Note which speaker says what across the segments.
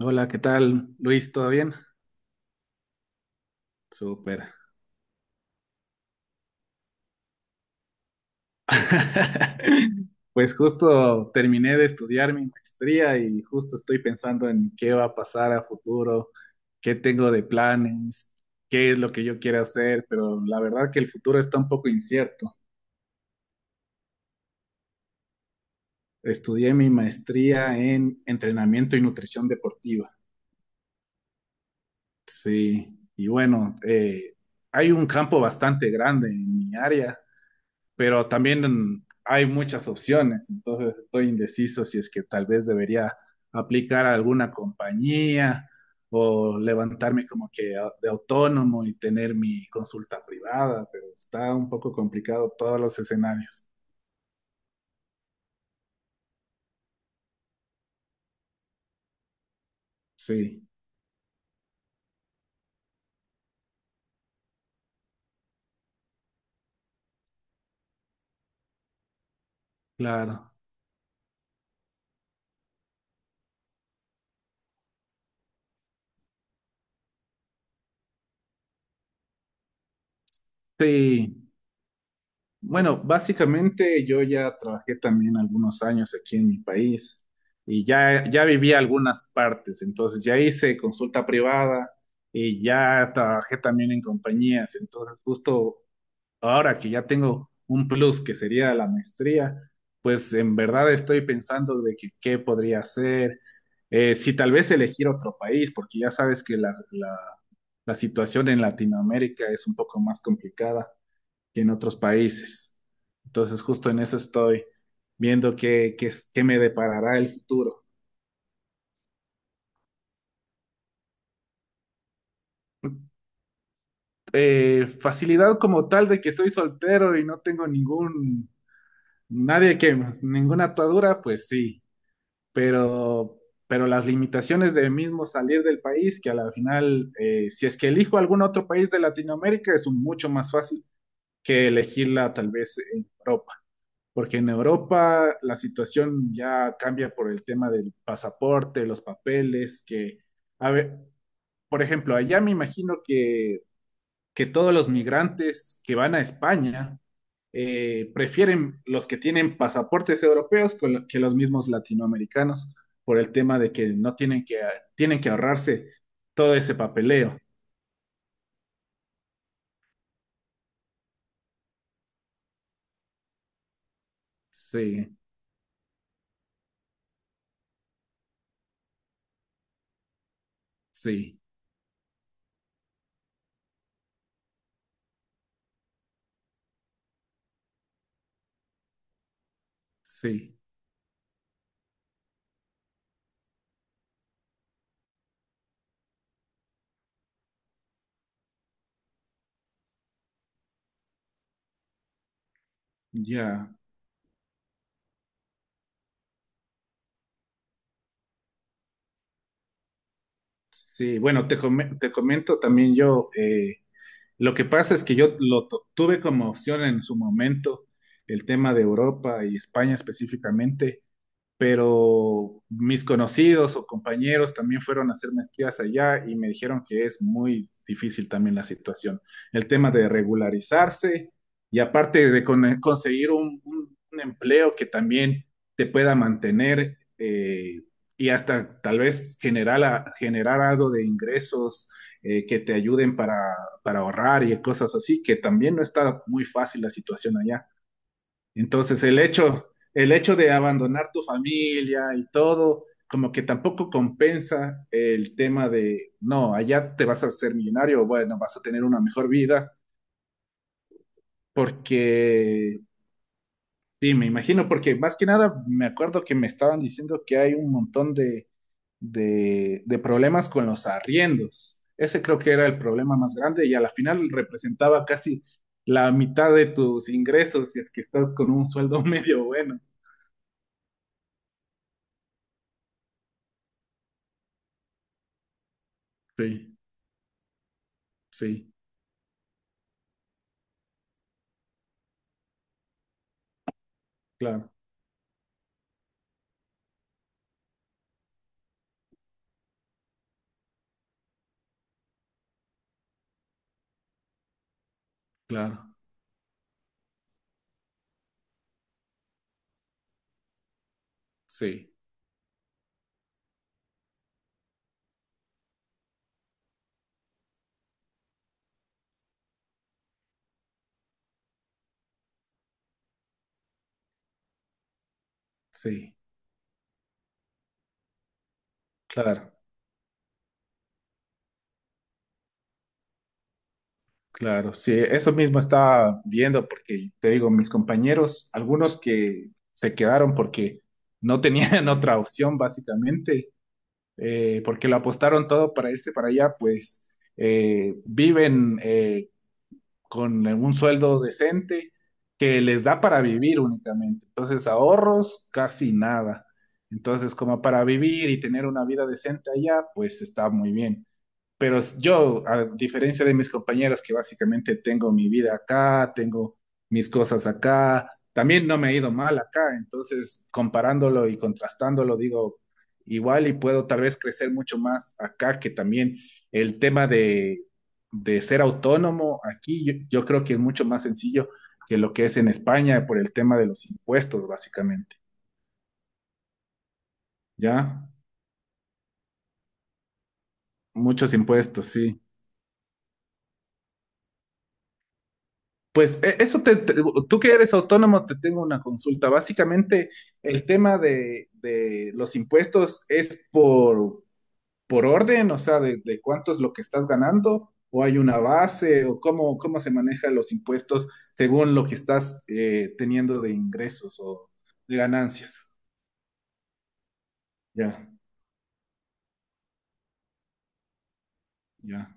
Speaker 1: Hola, ¿qué tal, Luis? ¿Todo bien? Súper. Pues justo terminé de estudiar mi maestría y justo estoy pensando en qué va a pasar a futuro, qué tengo de planes, qué es lo que yo quiero hacer, pero la verdad que el futuro está un poco incierto. Estudié mi maestría en entrenamiento y nutrición deportiva. Sí, y bueno, hay un campo bastante grande en mi área, pero también hay muchas opciones, entonces estoy indeciso si es que tal vez debería aplicar a alguna compañía o levantarme como que de autónomo y tener mi consulta privada, pero está un poco complicado todos los escenarios. Sí, claro. Sí. Bueno, básicamente yo ya trabajé también algunos años aquí en mi país y ya viví algunas partes, entonces ya hice consulta privada y ya trabajé también en compañías, entonces justo ahora que ya tengo un plus que sería la maestría, pues en verdad estoy pensando de que qué podría hacer, si tal vez elegir otro país, porque ya sabes que la situación en Latinoamérica es un poco más complicada que en otros países. Entonces, justo en eso estoy viendo qué me deparará el futuro. Facilidad como tal de que soy soltero y no tengo ningún, nadie que, ninguna atadura, pues sí, pero, pero las limitaciones de mismo salir del país, que a la final, si es que elijo algún otro país de Latinoamérica, es un mucho más fácil que elegirla tal vez en Europa. Porque en Europa la situación ya cambia por el tema del pasaporte, los papeles, que, a ver, por ejemplo, allá me imagino que todos los migrantes que van a España prefieren los que tienen pasaportes europeos que los mismos latinoamericanos por el tema de que no tienen que, tienen que ahorrarse todo ese papeleo. Sí, sí, sí, ya. Sí, bueno, te comento también yo. Lo que pasa es que yo tuve como opción en su momento el tema de Europa y España específicamente, pero mis conocidos o compañeros también fueron a hacer maestrías allá y me dijeron que es muy difícil también la situación. El tema de regularizarse y aparte de conseguir un, un empleo que también te pueda mantener, y hasta tal vez generar, generar algo de ingresos, que te ayuden para ahorrar y cosas así, que también no está muy fácil la situación allá. Entonces, el hecho de abandonar tu familia y todo, como que tampoco compensa el tema de, no, allá te vas a ser millonario, bueno, vas a tener una mejor vida, porque, sí, me imagino, porque más que nada me acuerdo que me estaban diciendo que hay un montón de problemas con los arriendos. Ese creo que era el problema más grande y a la final representaba casi la mitad de tus ingresos si es que estás con un sueldo medio bueno. Sí, sí. Claro, claro, sí, sí, claro, claro, sí, eso mismo estaba viendo porque te digo, mis compañeros, algunos que se quedaron porque no tenían otra opción básicamente, porque lo apostaron todo para irse para allá, pues viven con un sueldo decente que les da para vivir únicamente, entonces ahorros casi nada, entonces como para vivir y tener una vida decente allá, pues está muy bien. Pero yo, a diferencia de mis compañeros que básicamente tengo mi vida acá, tengo mis cosas acá, también no me ha ido mal acá, entonces comparándolo y contrastándolo, digo, igual y puedo tal vez crecer mucho más acá que también el tema de ser autónomo aquí, yo creo que es mucho más sencillo que lo que es en España por el tema de los impuestos, básicamente. ¿Ya? Muchos impuestos, sí. Pues e- eso te, te- Tú que eres autónomo, te tengo una consulta. Básicamente, el tema de los impuestos es por orden, o sea, de cuánto es lo que estás ganando, o hay una base, o cómo, cómo se manejan los impuestos según lo que estás teniendo de ingresos o de ganancias. Ya, ya,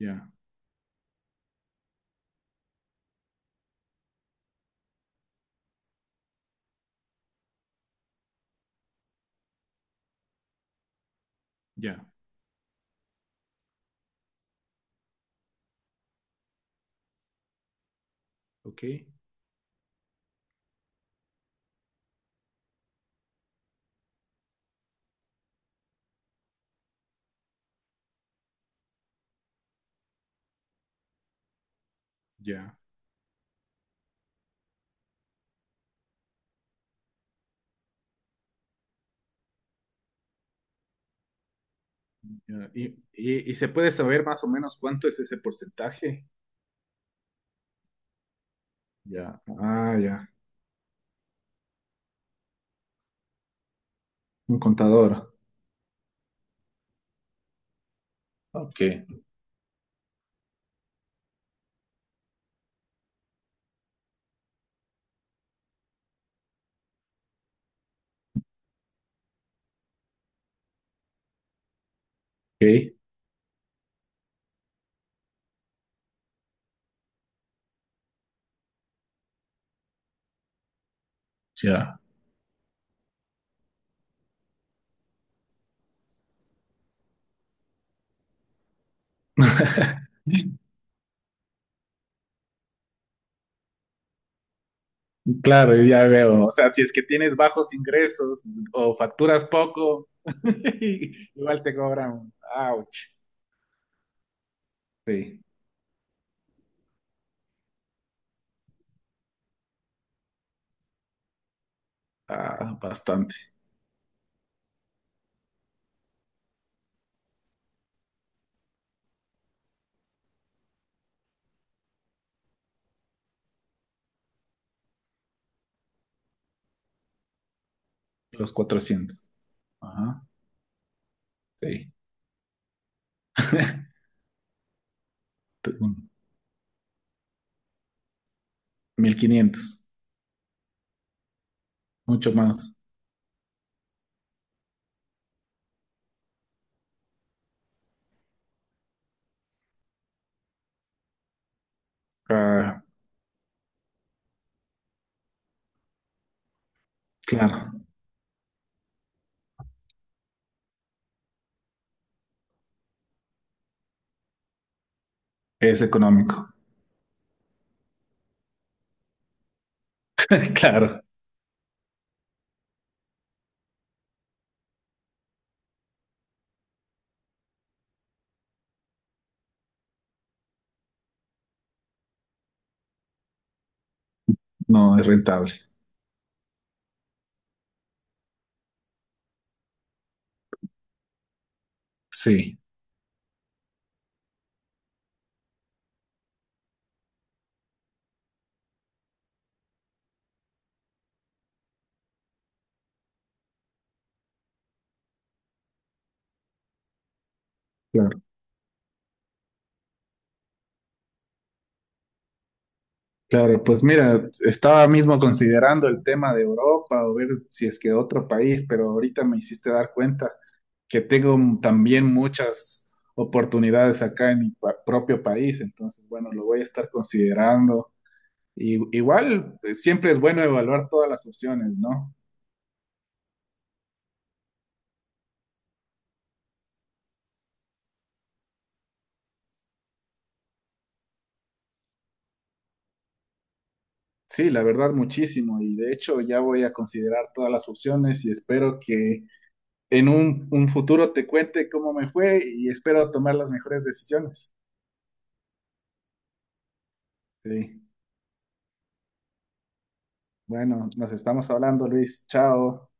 Speaker 1: ya, ya, ok, ya, ya. Y se puede saber más o menos cuánto es ese porcentaje. Ya, ah, ya, un contador. Ok, ok, ya. Claro, ya veo. O sea, si es que tienes bajos ingresos o facturas poco, igual te cobran. Ouch. Sí, ah, bastante. Los 400. Ajá, sí. 1500. Mucho más. Ah, claro, es económico. Claro, no es rentable. Sí. Claro. Claro, pues mira, estaba mismo considerando el tema de Europa o ver si es que otro país, pero ahorita me hiciste dar cuenta que tengo también muchas oportunidades acá en mi propio país, entonces bueno, lo voy a estar considerando. Y, igual, siempre es bueno evaluar todas las opciones, ¿no? Sí, la verdad, muchísimo. Y de hecho ya voy a considerar todas las opciones y espero que en un futuro te cuente cómo me fue y espero tomar las mejores decisiones. Sí. Bueno, nos estamos hablando, Luis. Chao.